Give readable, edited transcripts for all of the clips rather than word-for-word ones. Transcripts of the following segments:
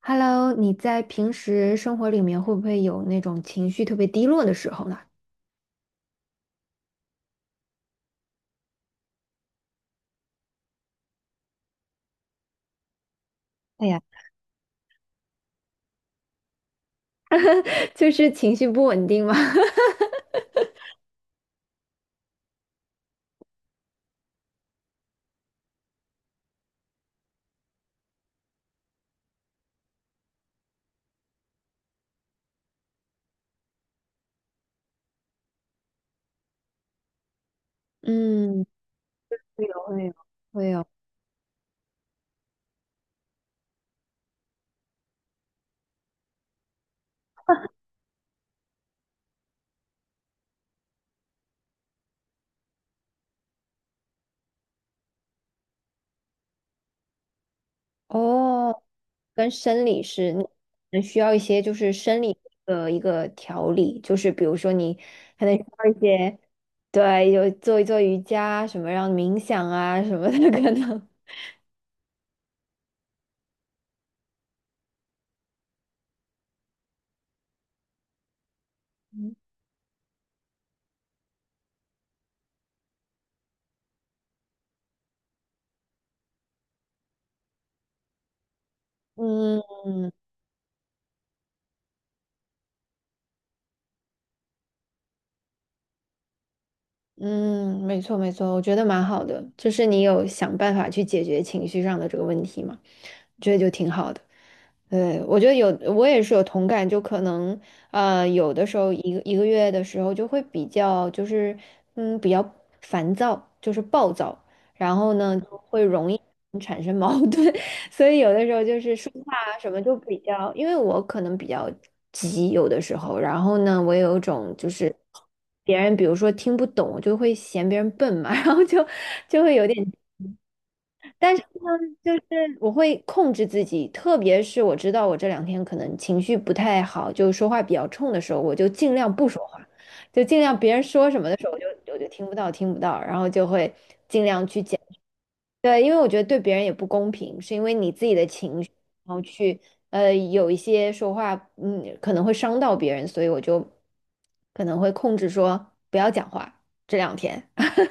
Hello，你在平时生活里面会不会有那种情绪特别低落的时候呢？哎呀，就是情绪不稳定吗？嗯，会有会有会有，哦，跟生理是，能需要一些就是生理的一个调理，就是比如说你可能需要一些，对，有做一做瑜伽什么，让冥想啊什么的可能。嗯嗯，没错没错，我觉得蛮好的，就是你有想办法去解决情绪上的这个问题嘛，我觉得就挺好的。对，我觉得有，我也是有同感，就可能有的时候一个月的时候就会比较，就是比较烦躁，就是暴躁，然后呢就会容易产生矛盾，所以有的时候就是说话啊什么就比较，因为我可能比较急，有的时候，然后呢，我有一种就是别人比如说听不懂，我就会嫌别人笨嘛，然后就会有点，但是呢，就是我会控制自己，特别是我知道我这两天可能情绪不太好，就说话比较冲的时候，我就尽量不说话，就尽量别人说什么的时候，我就听不到，听不到，然后就会尽量去减。对，因为我觉得对别人也不公平，是因为你自己的情绪，然后去有一些说话，嗯，可能会伤到别人，所以我就可能会控制说不要讲话这两天。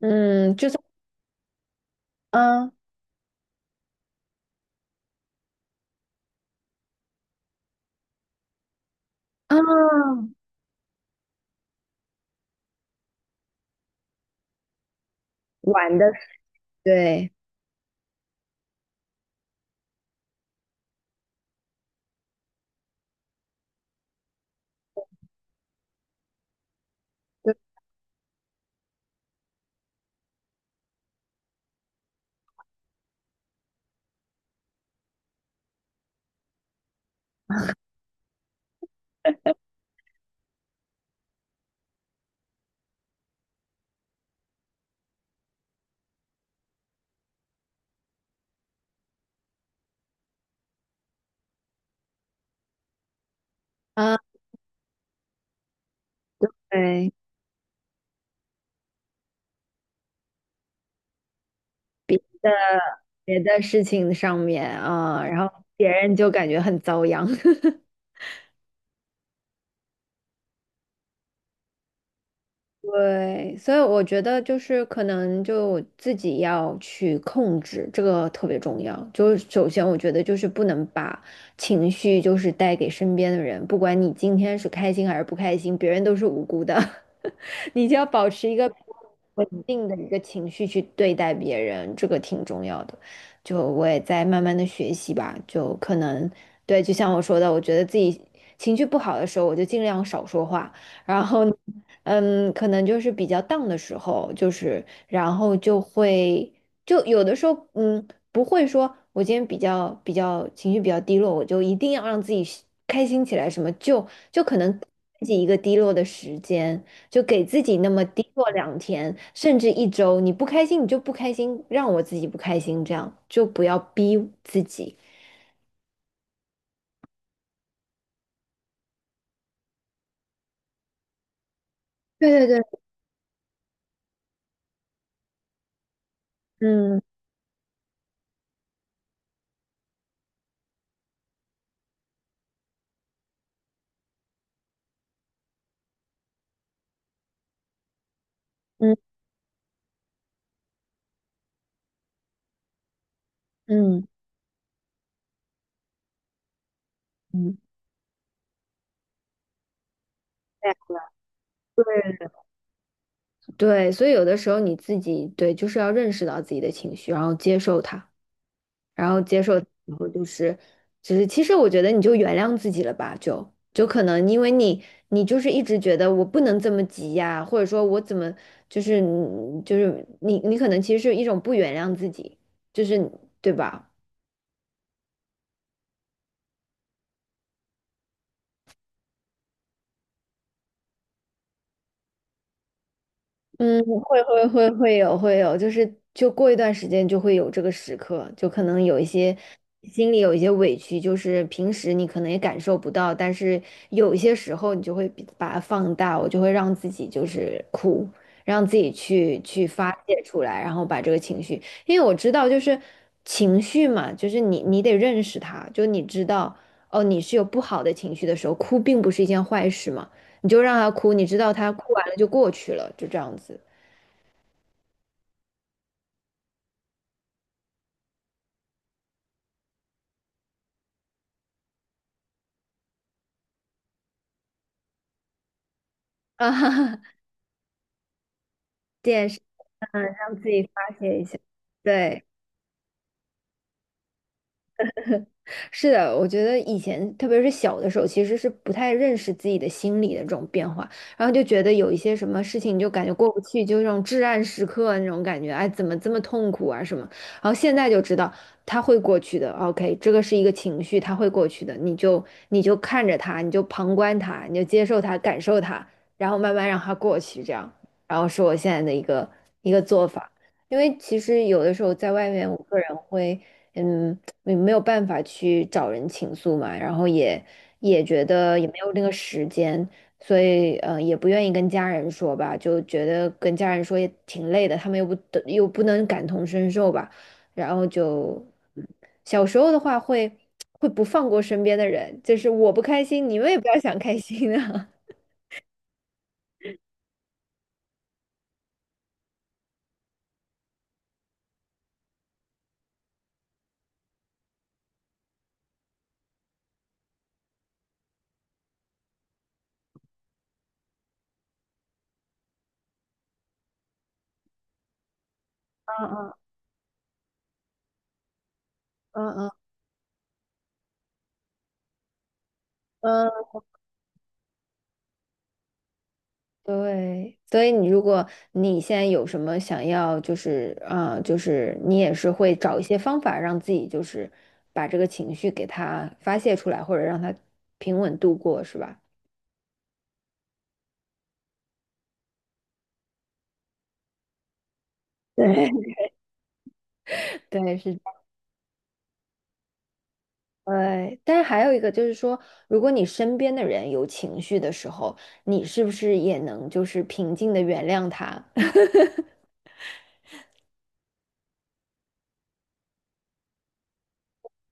嗯，就算嗯嗯晚的。对，啊，对，别的事情上面啊，然后别人就感觉很遭殃。对，所以我觉得就是可能就自己要去控制，这个特别重要。就是首先，我觉得就是不能把情绪就是带给身边的人，不管你今天是开心还是不开心，别人都是无辜的，你就要保持一个稳定的一个情绪去对待别人，这个挺重要的。就我也在慢慢的学习吧，就可能对，就像我说的，我觉得自己情绪不好的时候，我就尽量少说话，然后呢可能就是比较 d 的时候，就是然后就会就有的时候，嗯，不会说我今天比较情绪比较低落，我就一定要让自己是开心起来，什么就可能自己一个低落的时间，就给自己那么低落两天，甚至一周，你不开心你就不开心，让我自己不开心，这样就不要逼自己。对对对，嗯嗯嗯嗯，对啊对，所以有的时候你自己对，就是要认识到自己的情绪，然后接受它，然后接受，然后就是，就是其实我觉得你就原谅自己了吧，就就可能因为你就是一直觉得我不能这么急呀，或者说我怎么就是就是你可能其实是一种不原谅自己，就是对吧？嗯，会会会会有会有，就是就过一段时间就会有这个时刻，就可能有一些心里有一些委屈，就是平时你可能也感受不到，但是有一些时候你就会比把它放大，我就会让自己就是哭，让自己去发泄出来，然后把这个情绪，因为我知道就是情绪嘛，就是你得认识它，就你知道哦，你是有不好的情绪的时候，哭并不是一件坏事嘛。你就让他哭，你知道他哭完了就过去了，就这样子。啊哈哈，电视上让自己发泄一下。对。是的，我觉得以前，特别是小的时候，其实是不太认识自己的心理的这种变化，然后就觉得有一些什么事情，你就感觉过不去，就那种至暗时刻那种感觉，哎，怎么这么痛苦啊什么？然后现在就知道它会过去的，OK，这个是一个情绪，它会过去的，你就看着它，你就旁观它，你就接受它，感受它，然后慢慢让它过去，这样，然后是我现在的一个做法。因为其实有的时候在外面，我个人会，嗯，没有办法去找人倾诉嘛，然后也觉得也没有那个时间，所以也不愿意跟家人说吧，就觉得跟家人说也挺累的，他们又不得又不能感同身受吧，然后就嗯小时候的话会不放过身边的人，就是我不开心，你们也不要想开心啊。嗯嗯嗯嗯嗯对，所以你如果你现在有什么想要，就是啊、就是你也是会找一些方法让自己就是把这个情绪给它发泄出来，或者让它平稳度过，是吧？对，对，是这样对，但是还有一个就是说，如果你身边的人有情绪的时候，你是不是也能就是平静的原谅他？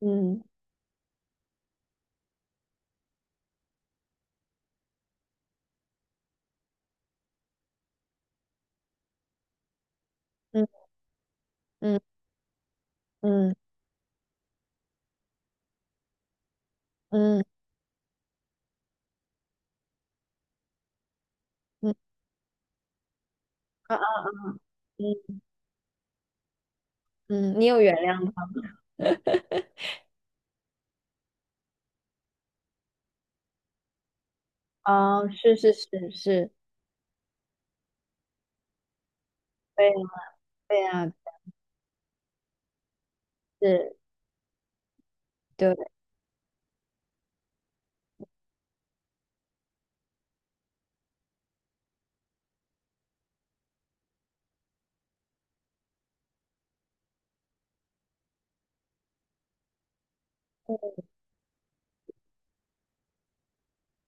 嗯嗯嗯嗯嗯嗯啊啊嗯嗯，你有原谅吗？啊，是是是是，对。对呀，是，对，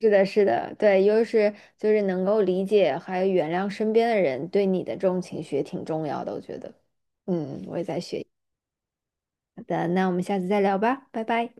是的，是的，对，又是就是能够理解还有原谅身边的人对你的这种情绪也挺重要的，我觉得。嗯，我也在学习。好的，那我们下次再聊吧，拜拜。